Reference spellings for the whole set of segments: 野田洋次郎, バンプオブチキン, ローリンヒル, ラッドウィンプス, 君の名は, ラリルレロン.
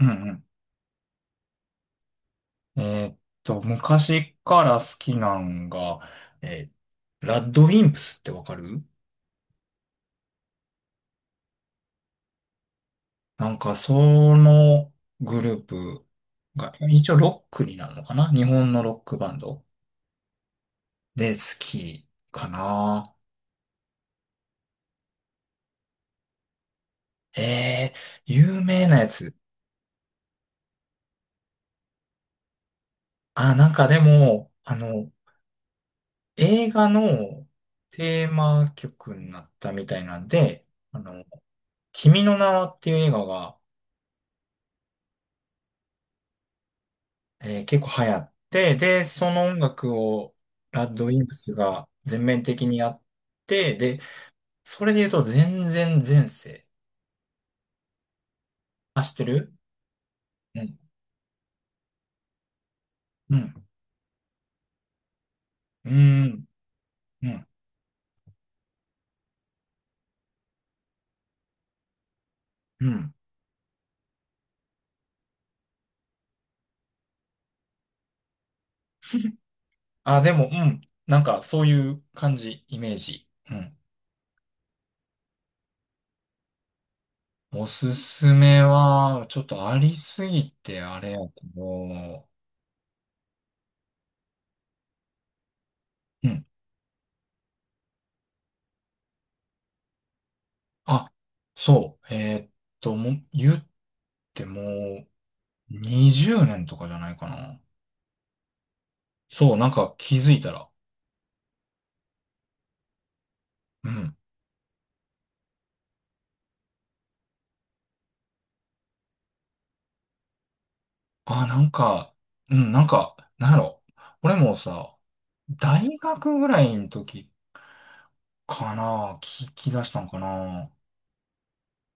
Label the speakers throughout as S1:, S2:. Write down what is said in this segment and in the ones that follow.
S1: うんうん。昔から好きなんが、えーラッドウィンプスってわかる？なんか、そのグループが、一応ロックになるのかな。日本のロックバンドで好きかな。有名なやつ。あ、なんかでも、映画のテーマ曲になったみたいなんで、あの、君の名はっていう映画が結構流行って、で、その音楽をラッドウィンプスが全面的にやって、で、それで言うと全然前世。あ、知ってる？うん。うん。うん。うん。うん。あ、でも、うん。なんか、そういう感じ、イメージ。うん。おすすめは、ちょっとありすぎて、あれやけど、うん。あ、そう。もう、言っても、20年とかじゃないかな。そう、なんか気づいたら、うん。あ、なんか、うん、なんか、なんやろ。俺もさ、大学ぐらいの時かな、聞き出したんかな。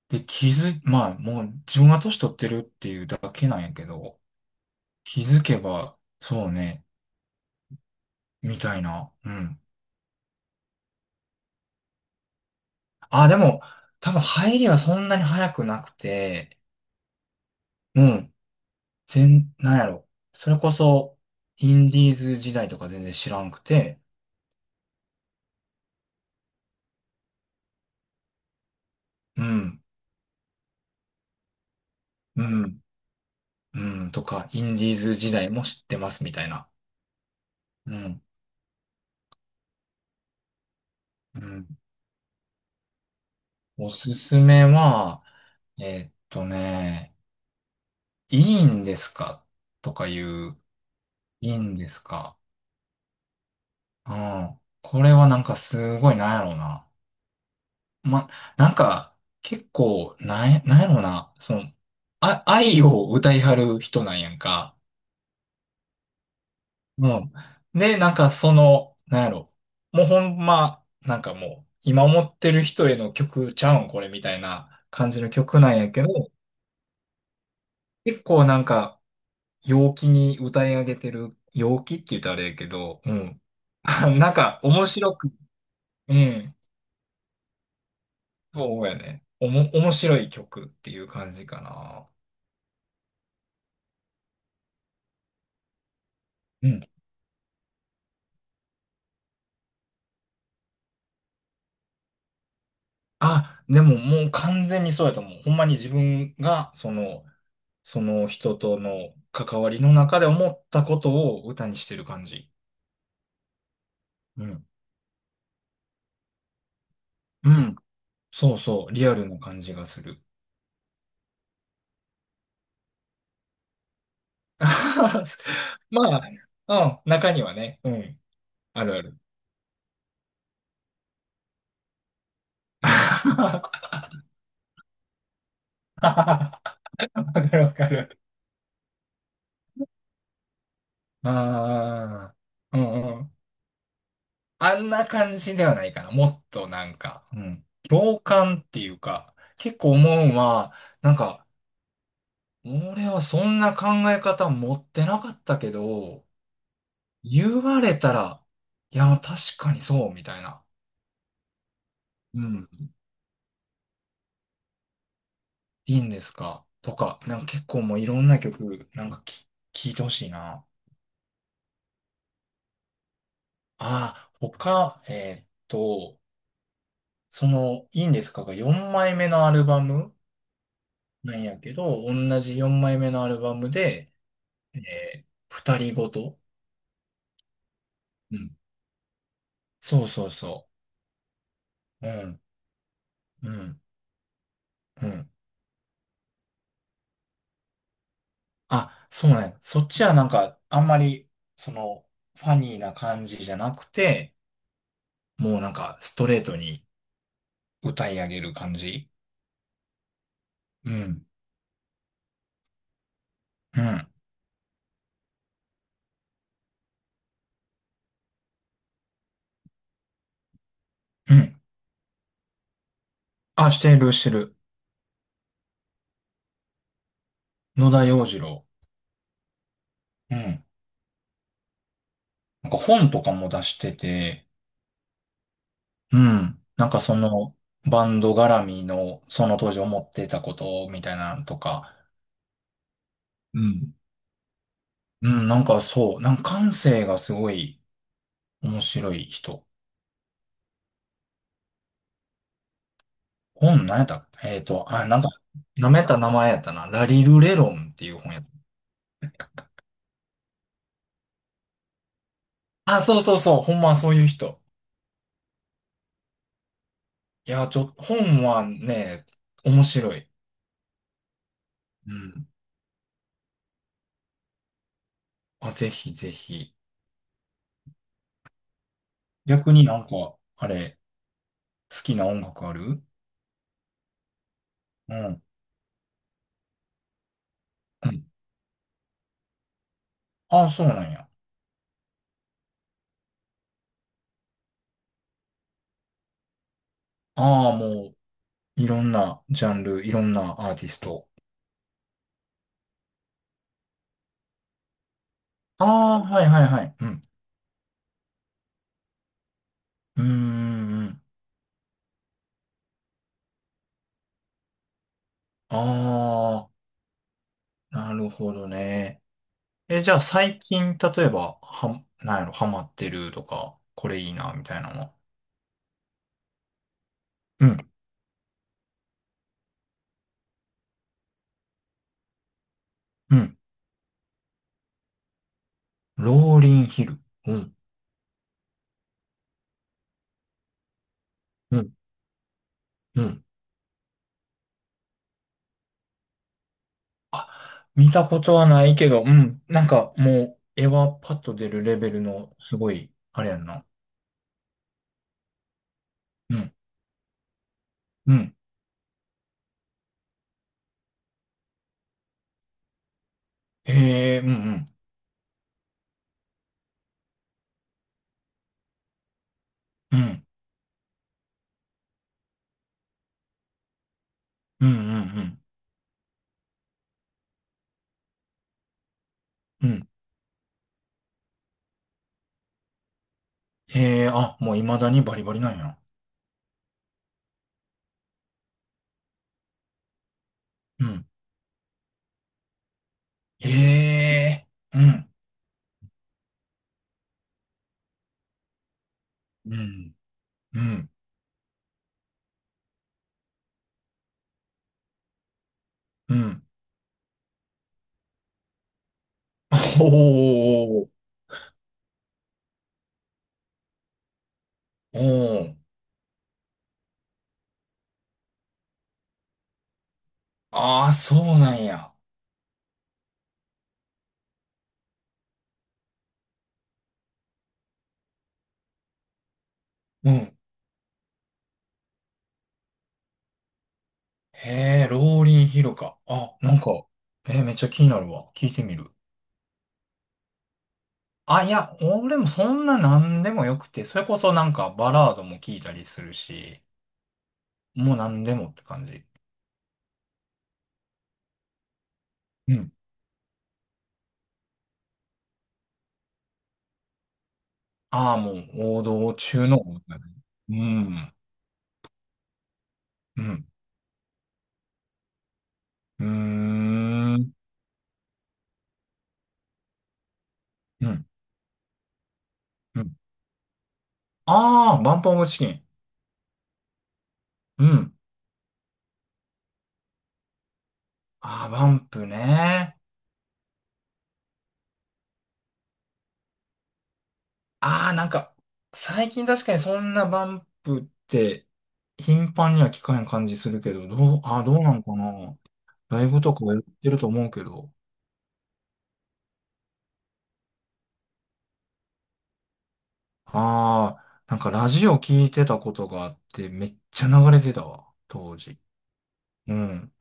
S1: で、気づ、まあ、もう自分が年取ってるっていうだけなんやけど、気づけば、そうね、みたいな。うん。あ、でも、多分入りはそんなに早くなくて、うん、全、なんやろ。それこそ、インディーズ時代とか全然知らんくて、うん。うん。うん、とか、インディーズ時代も知ってますみたいな。うん、うん。おすすめは、えーっとね、いいんですかとかいう、いいんですか。うん。これはなんかすごいなんやろうな。ま、なんか、結構、なんや、なんやろうな。その、あ、愛を歌いはる人なんやんか。うん。で、なんかその、なんやろ。もうほんま、なんかもう、今思ってる人への曲ちゃうん、これみたいな感じの曲なんやけど、結構なんか、陽気に歌い上げてる、陽気って言ったらあれやけど、うん。なんか、面白く、うん。そうやね。おも、面白い曲っていう感じかな。うん。あ、でももう完全にそうやと思う。ほんまに自分が、その、その人との関わりの中で思ったことを歌にしてる感じ。うん。うん。そうそう。リアルな感じがする。まあ、うん。中にはね。うん。あるある。わかるわかる。ああ。うんうん。あんな感じではないかな。もっとなんか、うん。共感っていうか、結構思うんは、なんか、俺はそんな考え方持ってなかったけど、言われたら、いや、確かにそう、みたいな。うん。いいんですかとか、なんか結構もういろんな曲、なんかき、聞いてほしいな。ああ、他、その、いいんですかが4枚目のアルバムなんやけど、同じ4枚目のアルバムで、二人ごと。うん。そうそうそう。うん、うん、うん。あ、そうね。そっちはなんか、あんまり、その、ファニーな感じじゃなくて、もうなんかストレートに歌い上げる感じ。うん。うん。うん。あ、してる、してる。野田洋次郎。うん。なんか本とかも出してて、うん。なんかそのバンド絡みのその当時思ってたことみたいなのとか。うん。うん、なんかそう。なんか感性がすごい面白い人。本何やったえっと、あ、なんか、舐めた名前やったな。ラリルレロンっていう本やった。あ、そうそうそう。ほんまそういう人。いや、ちょ、本はね、面白い。うん。あ、ぜひぜひ。逆になんか、あれ、好きな音楽ある？うん。うん。ああ、そうなんや。ああ、もう、いろんなジャンル、いろんなアーティスト。ああ、はいはいはい。うん。うーん。うん。ああ、なるほどね。え、じゃあ最近、例えば、は、なんやろ、ハマってるとか、これいいな、みたいなのは。うん。うん。ローリンヒル。うん。うん。うん。あ、見たことはないけど、うん。なんかもう、絵はパッと出るレベルの、すごい、あれやんな。うん。うん。へえ、うんうん。うん。うんうんうん。うん。へえ、あ、もう未だにバリバリなんや。うん。へえ、うん。うん。うん。うん。おー。おー。ああ、そうなんや。うん。へえ、ローリンヒルか。あ、なんか、めっちゃ気になるわ。聞いてみる。あ、いや、俺もそんな何でもよくて、それこそなんかバラードも聞いたりするし、もう何でもって感じ。うん。ああ、もう王道中の王道だね。うん。うん。うーん。うん。うん。ああ、バンプオブチキン。うん。ああ、バンプね。ああ、なんか、最近確かにそんなバンプって頻繁には聞かへん感じするけど、どう、ああ、どうなんかな。ライブとかはやってると思うけど。ああ、なんかラジオ聞いてたことがあって、めっちゃ流れてたわ、当時。うん。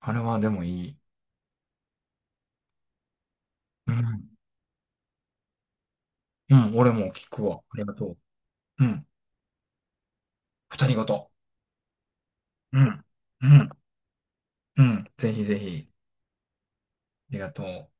S1: あれはでもいい。うん。うん、俺も聞くわ。ありがとう。うん。二人ごと。うん。うん。うん。ぜひぜひ。ありがとう。